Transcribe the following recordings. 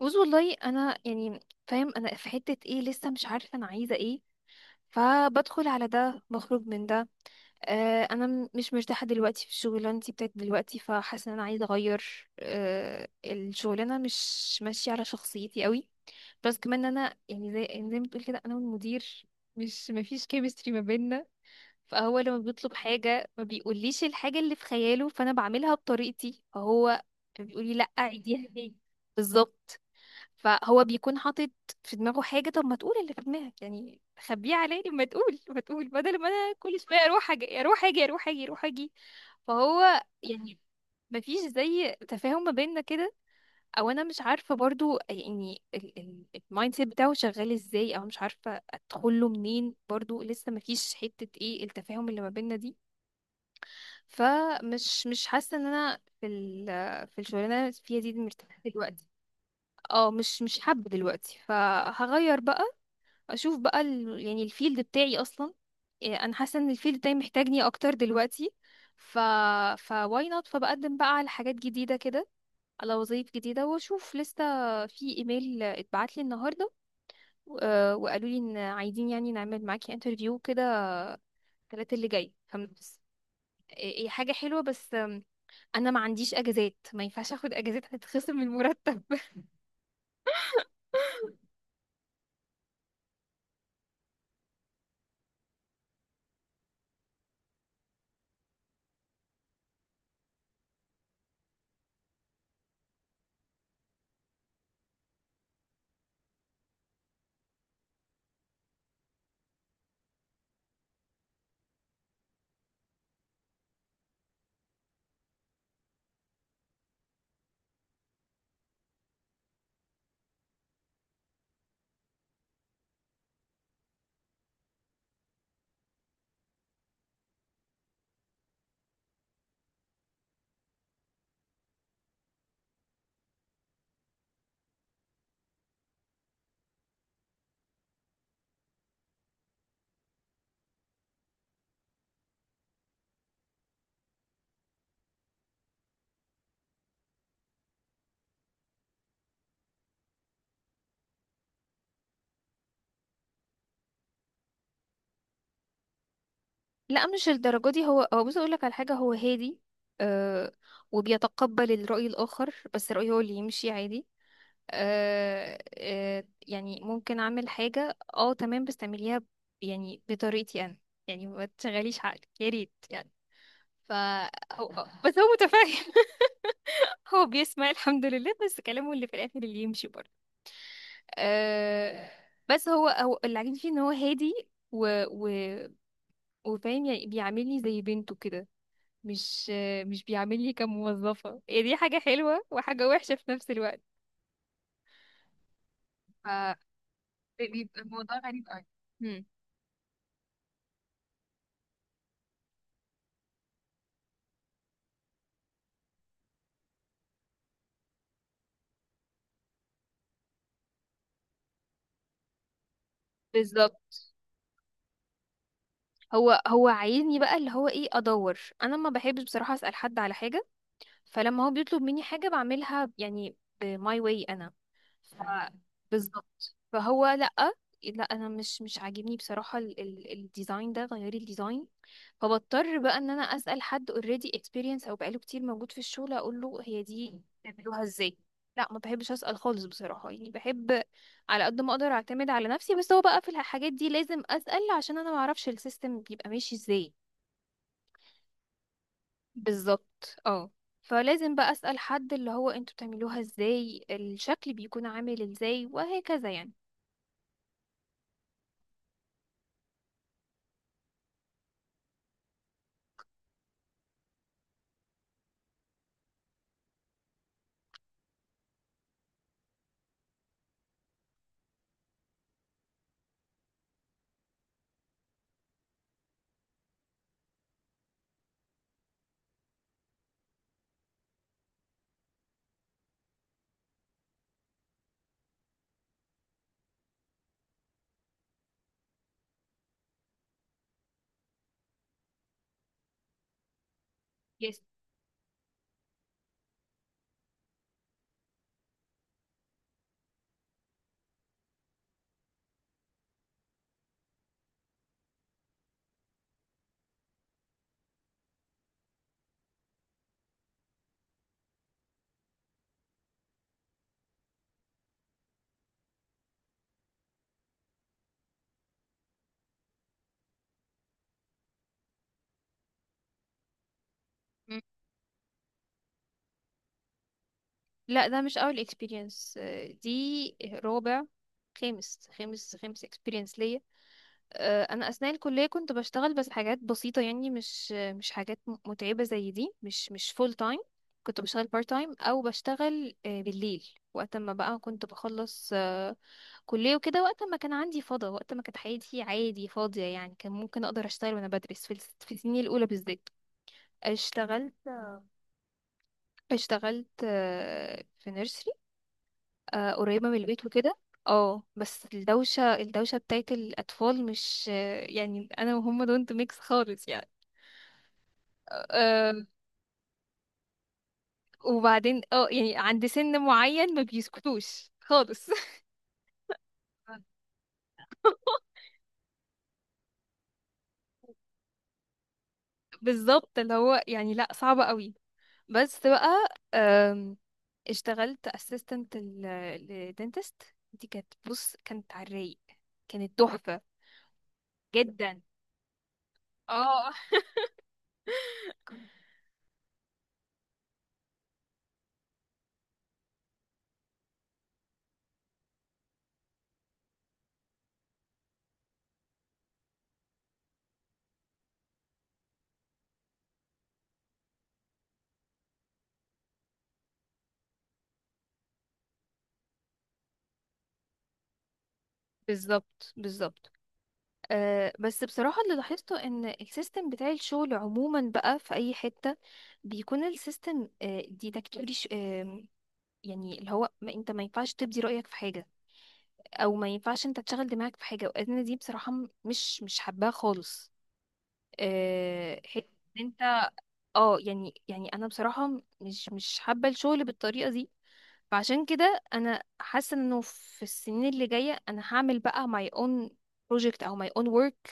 بص، والله انا يعني فاهم انا في حته ايه. لسه مش عارفه انا عايزه ايه، فبدخل على ده بخرج من ده. انا مش مرتاحه دلوقتي في شغلانتي بتاعت دلوقتي، فحاسه ان انا عايزه اغير، الشغلانه مش ماشيه على شخصيتي قوي. بس كمان انا يعني، زي ما تقول كده، انا والمدير مش مفيش كيمستري ما بيننا. فهو لما بيطلب حاجة ما بيقوليش الحاجة اللي في خياله، فانا بعملها بطريقتي. فهو بيقولي لا، عيديها تاني. بالظبط. فهو بيكون حاطط في دماغه حاجة، طب ما تقول اللي في دماغك، يعني خبيه عليا؟ ما تقول، بدل ما انا كل شوية اروح اجي اروح اجي اروح اجي اروح اجي. فهو يعني مفيش زي تفاهم ما بيننا كده، او انا مش عارفه برضو يعني المايند سيت بتاعه شغال ازاي، او مش عارفه ادخل له منين برضو. لسه ما فيش حته ايه التفاهم اللي ما بيننا دي. فمش مش حاسه ان انا في الشغلانه اللي أنا فيها دي مرتاحه دلوقتي. اه، مش حابه دلوقتي، فهغير بقى. اشوف بقى يعني الفيلد بتاعي اصلا. إيه، انا حاسه ان الفيلد بتاعي محتاجني اكتر دلوقتي. ف ف why not، فبقدم بقى على حاجات جديده كده، على وظايف جديدة واشوف. لسه في ايميل اتبعت لي النهاردة، وقالوا لي ان عايزين يعني نعمل معاكي انترفيو كده الثلاث اللي جاي فبس. هي حاجة حلوة، بس انا ما عنديش اجازات، ما ينفعش اخد اجازات هتتخصم من المرتب. لا، مش الدرجة دي. هو بص، اقول لك على حاجة. هو هادي، آه، وبيتقبل الرأي الآخر، بس رأيه هو اللي يمشي عادي. يعني ممكن اعمل حاجة، اه تمام، بس تعمليها يعني بطريقتي انا، يعني ما تشغليش عقلك يا ريت، يعني ف. بس هو متفاهم هو بيسمع الحمد لله، بس كلامه اللي في الاخر اللي يمشي برضه آه بس هو اللي عاجبني فيه ان هو هادي. و و وفاهم، يعني بيعاملني زي بنته كده. مش بيعاملني كموظفة. هي دي حاجة حلوة وحاجة وحشة في نفس الوقت. ف بيبقى الموضوع غريب قوي. بالظبط. هو عايزني بقى اللي هو ايه، ادور. انا ما بحبش بصراحه اسال حد على حاجه، فلما هو بيطلب مني حاجه بعملها يعني بماي واي انا. ف بالظبط. فهو لأ. لا انا مش عاجبني بصراحة الديزاين ده، غيري الديزاين. فبضطر بقى ان انا اسأل حد اوريدي اكسبيرينس، او بقاله كتير موجود في الشغل، اقول له هي دي بتعملوها ازاي. لا، ما بحبش اسأل خالص بصراحة. يعني بحب على قد ما اقدر اعتمد على نفسي، بس هو بقى في الحاجات دي لازم اسأل عشان انا ما اعرفش السيستم بيبقى ماشي ازاي. بالظبط، اه. فلازم بقى اسأل حد اللي هو انتوا بتعملوها ازاي، الشكل بيكون عامل ازاي، وهكذا يعني. مم. لا، ده مش اول اكسبيرينس. دي رابع، خامس اكسبيرينس ليا. انا اثناء الكليه كنت بشتغل بس حاجات بسيطه، يعني مش حاجات متعبه زي دي، مش فول تايم. كنت بشتغل بارت تايم، او بشتغل بالليل وقت ما بقى كنت بخلص كليه وكده، وقت ما كان عندي فضا، وقت ما كانت حياتي عادي فاضيه، يعني كان ممكن اقدر اشتغل وانا بدرس، في السنين الاولى بالذات. اشتغلت اشتغلت، في نيرسري قريبة من البيت وكده. اه، بس الدوشة بتاعت الأطفال، مش آه، يعني أنا وهم دونت ميكس خالص يعني. أه. وبعدين اه يعني عند سن معين ما بيسكتوش خالص. بالظبط، اللي هو يعني لأ، صعبة قوي. بس بقى، آم، اشتغلت اسيستنت للدنتست. دي كانت، بص، كانت على الرايق، كانت تحفة جدا، اه. بالظبط بالظبط. أه، بس بصراحة اللي لاحظته ان السيستم بتاع الشغل عموما بقى في اي حتة بيكون السيستم، أه، ديدكتوري، ش- أه يعني اللي هو ما انت ما ينفعش تبدي رأيك في حاجة، او ما ينفعش انت تشغل دماغك في حاجة. وانا دي بصراحة، مش حباها خالص. أه، حتة إن انت، اه يعني، انا بصراحة مش حابة الشغل بالطريقة دي. فعشان كده انا حاسه انه في السنين اللي جايه انا هعمل بقى my own project او my own work،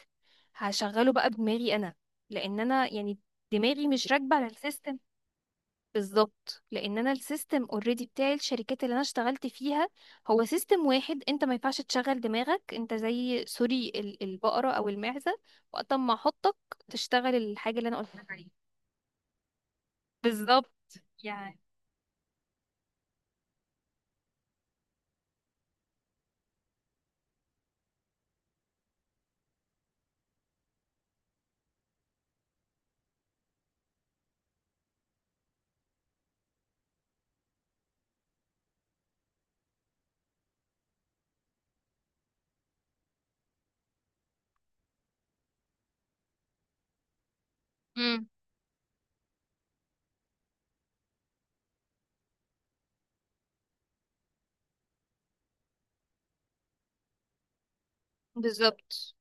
هشغله بقى بدماغي انا، لان انا يعني دماغي مش راكبه على السيستم. بالظبط، لان انا السيستم اوريدي بتاعي، الشركات اللي انا اشتغلت فيها هو سيستم واحد، انت ما ينفعش تشغل دماغك، انت زي سوري البقره او المعزه، وقت ما احطك تشتغل الحاجه اللي انا قلت لك عليها. بالظبط يعني. امم بالظبط،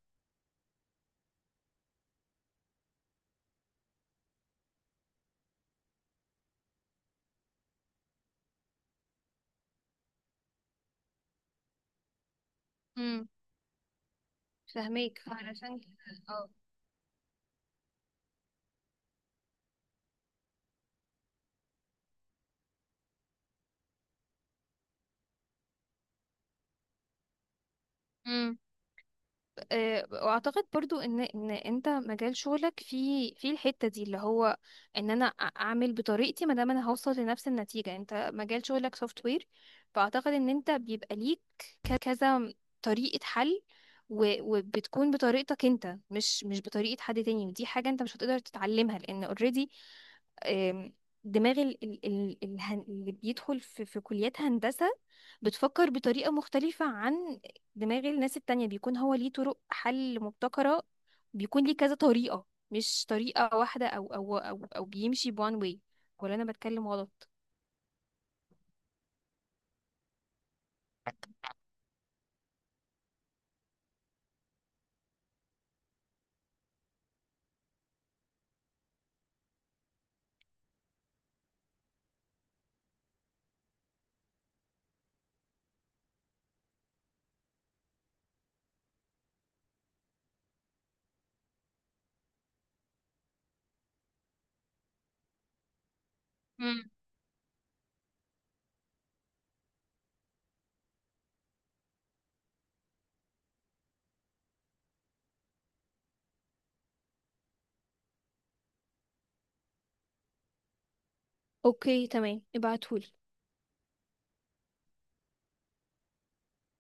فاهميك علشان كده، اه. مم. واعتقد برضو ان انت مجال شغلك في الحتة دي اللي هو ان انا، اعمل بطريقتي ما دام انا هوصل لنفس النتيجة. انت مجال شغلك سوفت وير، فاعتقد ان انت بيبقى ليك كذا طريقة حل، وبتكون بطريقتك انت، مش بطريقة حد تاني، ودي حاجة انت مش هتقدر تتعلمها، لان اوريدي دماغ اللي بيدخل في كليات هندسة بتفكر بطريقة مختلفة عن دماغ الناس التانية. بيكون هو ليه طرق حل مبتكرة، بيكون ليه كذا طريقة، مش طريقة واحدة، أو بيمشي بوان واي. ولا أنا بتكلم غلط؟ مم. اوكي تمام، ابعتهولي.